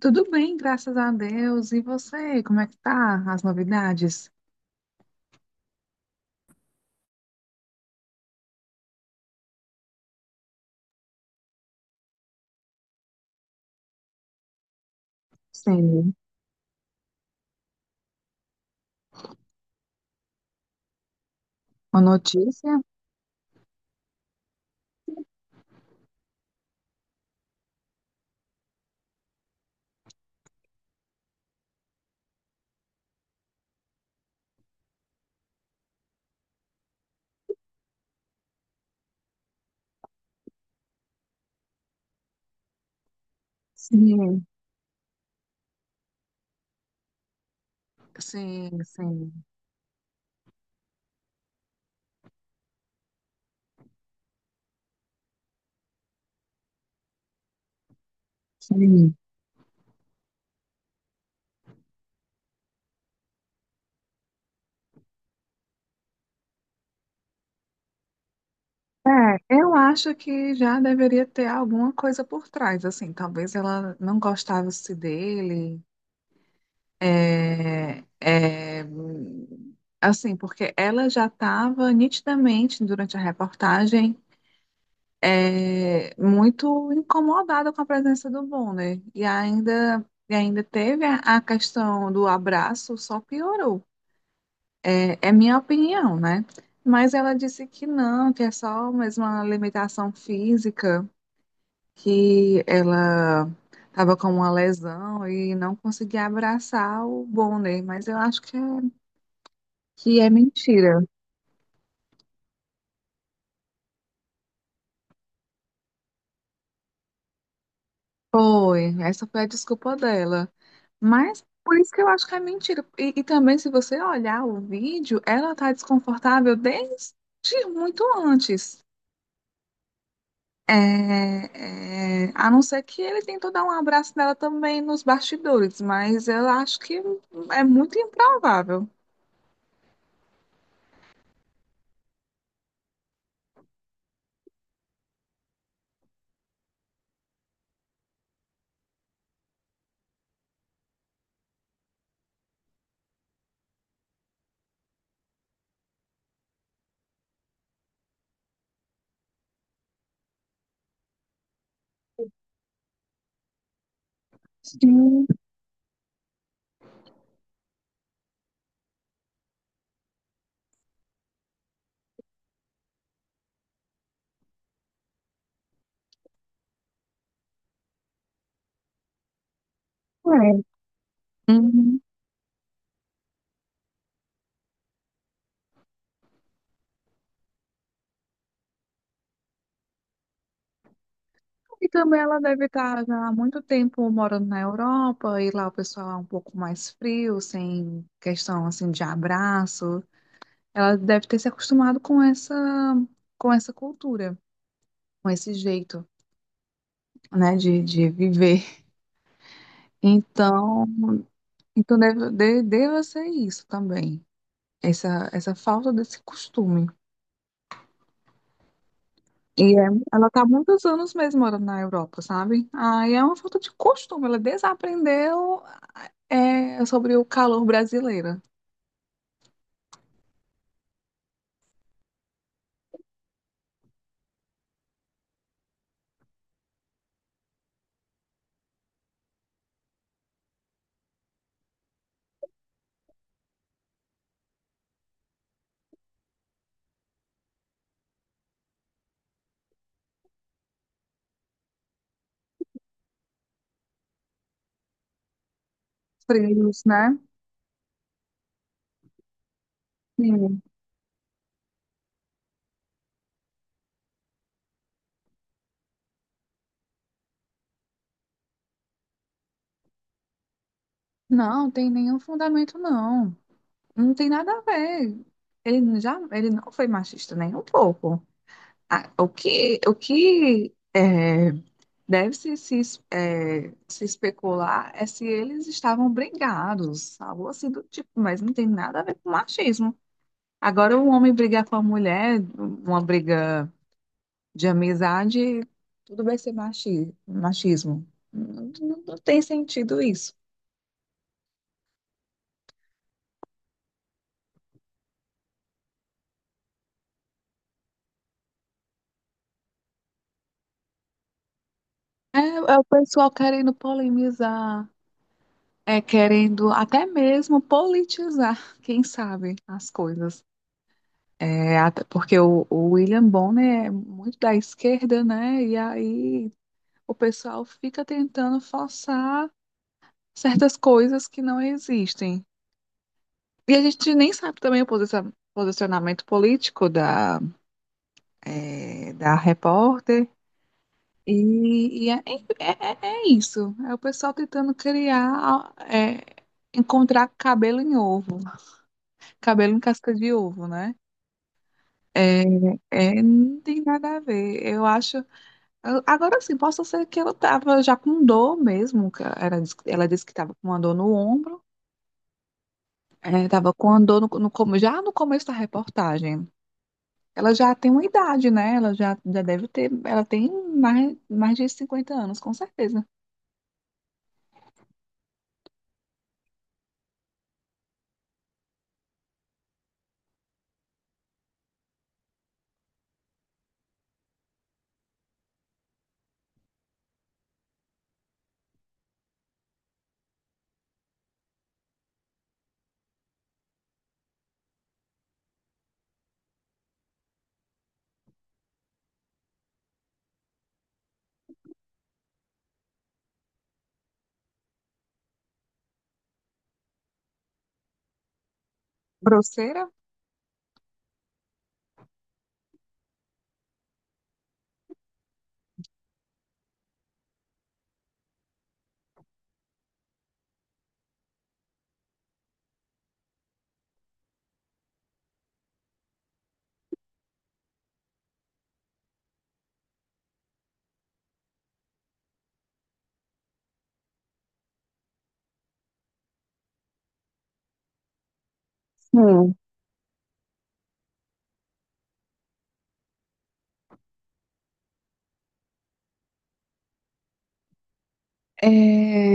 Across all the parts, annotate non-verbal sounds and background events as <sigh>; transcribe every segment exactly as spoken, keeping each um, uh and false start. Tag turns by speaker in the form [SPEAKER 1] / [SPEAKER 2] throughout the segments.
[SPEAKER 1] Tudo bem, graças a Deus. E você, como é que tá? As novidades? Sim, uma notícia? Sim. Sim, sim, sim. É, eu acho que já deveria ter alguma coisa por trás, assim, talvez ela não gostasse dele. É, é, assim, porque ela já estava nitidamente, durante a reportagem, é, muito incomodada com a presença do Bonner. E ainda, e ainda teve a, a questão do abraço, só piorou. É, é minha opinião, né? Mas ela disse que não, que é só mais uma limitação física, que ela estava com uma lesão e não conseguia abraçar o Bonner. Mas eu acho que é... Que é mentira. Foi. Essa foi a desculpa dela. Mas por isso que eu acho que é mentira. E, e também, se você olhar o vídeo, ela tá desconfortável desde muito antes. É, é, a não ser que ele tentou dar um abraço nela também nos bastidores, mas eu acho que é muito improvável. Sim, é. Uhum. E também ela deve estar já há muito tempo morando na Europa, e lá o pessoal é um pouco mais frio, sem questão assim de abraço. Ela deve ter se acostumado com essa com essa cultura, com esse jeito, né, de, de viver. Então, então deve, de- deva ser isso também, essa essa falta desse costume. E é- ela está há muitos anos mesmo morando na Europa, sabe? Aí é uma falta de costume, ela desaprendeu, é, sobre o calor brasileiro. Frios, né? Sim. Não, tem nenhum fundamento, não. Não tem nada a ver. Ele já, ele não foi machista nem um pouco. Ah, o que, o que é, deve se, se, es- é, se especular é se eles estavam brigados, algo assim do tipo, mas não tem nada a ver com machismo. Agora, um homem brigar com a mulher, uma briga de amizade, tudo vai ser machi, machismo. Não não- não tem sentido isso. É, é o pessoal querendo polemizar, é querendo até mesmo politizar, <laughs> quem sabe, as coisas. É, até porque o, o William Bonner é muito da esquerda, né? E aí o pessoal fica tentando forçar certas coisas que não existem. E a gente nem sabe também o posicion- posicionamento político da, é, da repórter. E, e é, é, É é isso. É o pessoal tentando criar, é, encontrar cabelo em ovo, cabelo em casca de ovo, né? É, é, não tem nada a ver. Eu acho. eu- Agora sim, posso ser que ela tava já com dor mesmo. Que Ela, disse- ela disse que tava com uma dor no ombro. É, tava com uma dor no, no, come- já no começo da reportagem. Ela já tem uma idade, né? Ela já, já deve ter. Ela tem mais, mais de cinquenta anos, com certeza. Grosseira? Sim. É...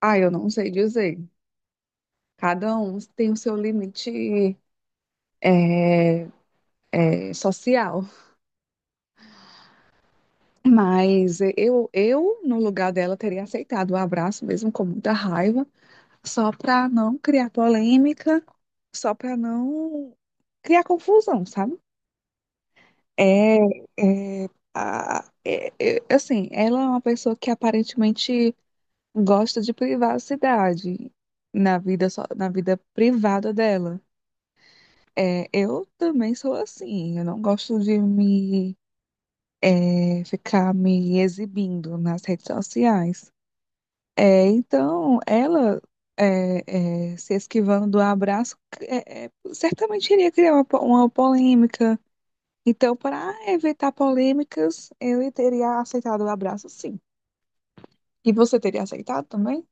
[SPEAKER 1] Ah, eu não sei dizer. Cada um tem o seu limite, é, é, social. Mas eu, eu, no lugar dela, teria aceitado o abraço, mesmo com muita raiva, só para não criar polêmica, só para não criar confusão, sabe? É, é, a- é- é- assim, ela é uma pessoa que aparentemente gosta de privacidade na vida, só- na vida privada dela. É, eu também sou assim. Eu não gosto de me, é, ficar me exibindo nas redes sociais. É, então, ela, é, é, se esquivando do abraço, é, é, certamente iria criar uma, po- uma polêmica. Então, para evitar polêmicas, eu teria aceitado o abraço, sim. E você teria aceitado também?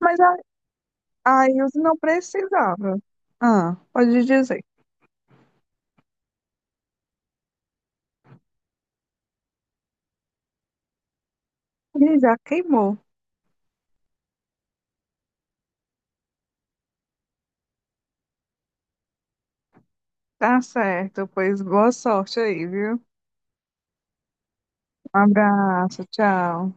[SPEAKER 1] Mas a- aí eu não precisava. Ah, pode dizer. Ele já queimou. Tá certo, pois boa sorte aí, viu? Um abraço, tchau.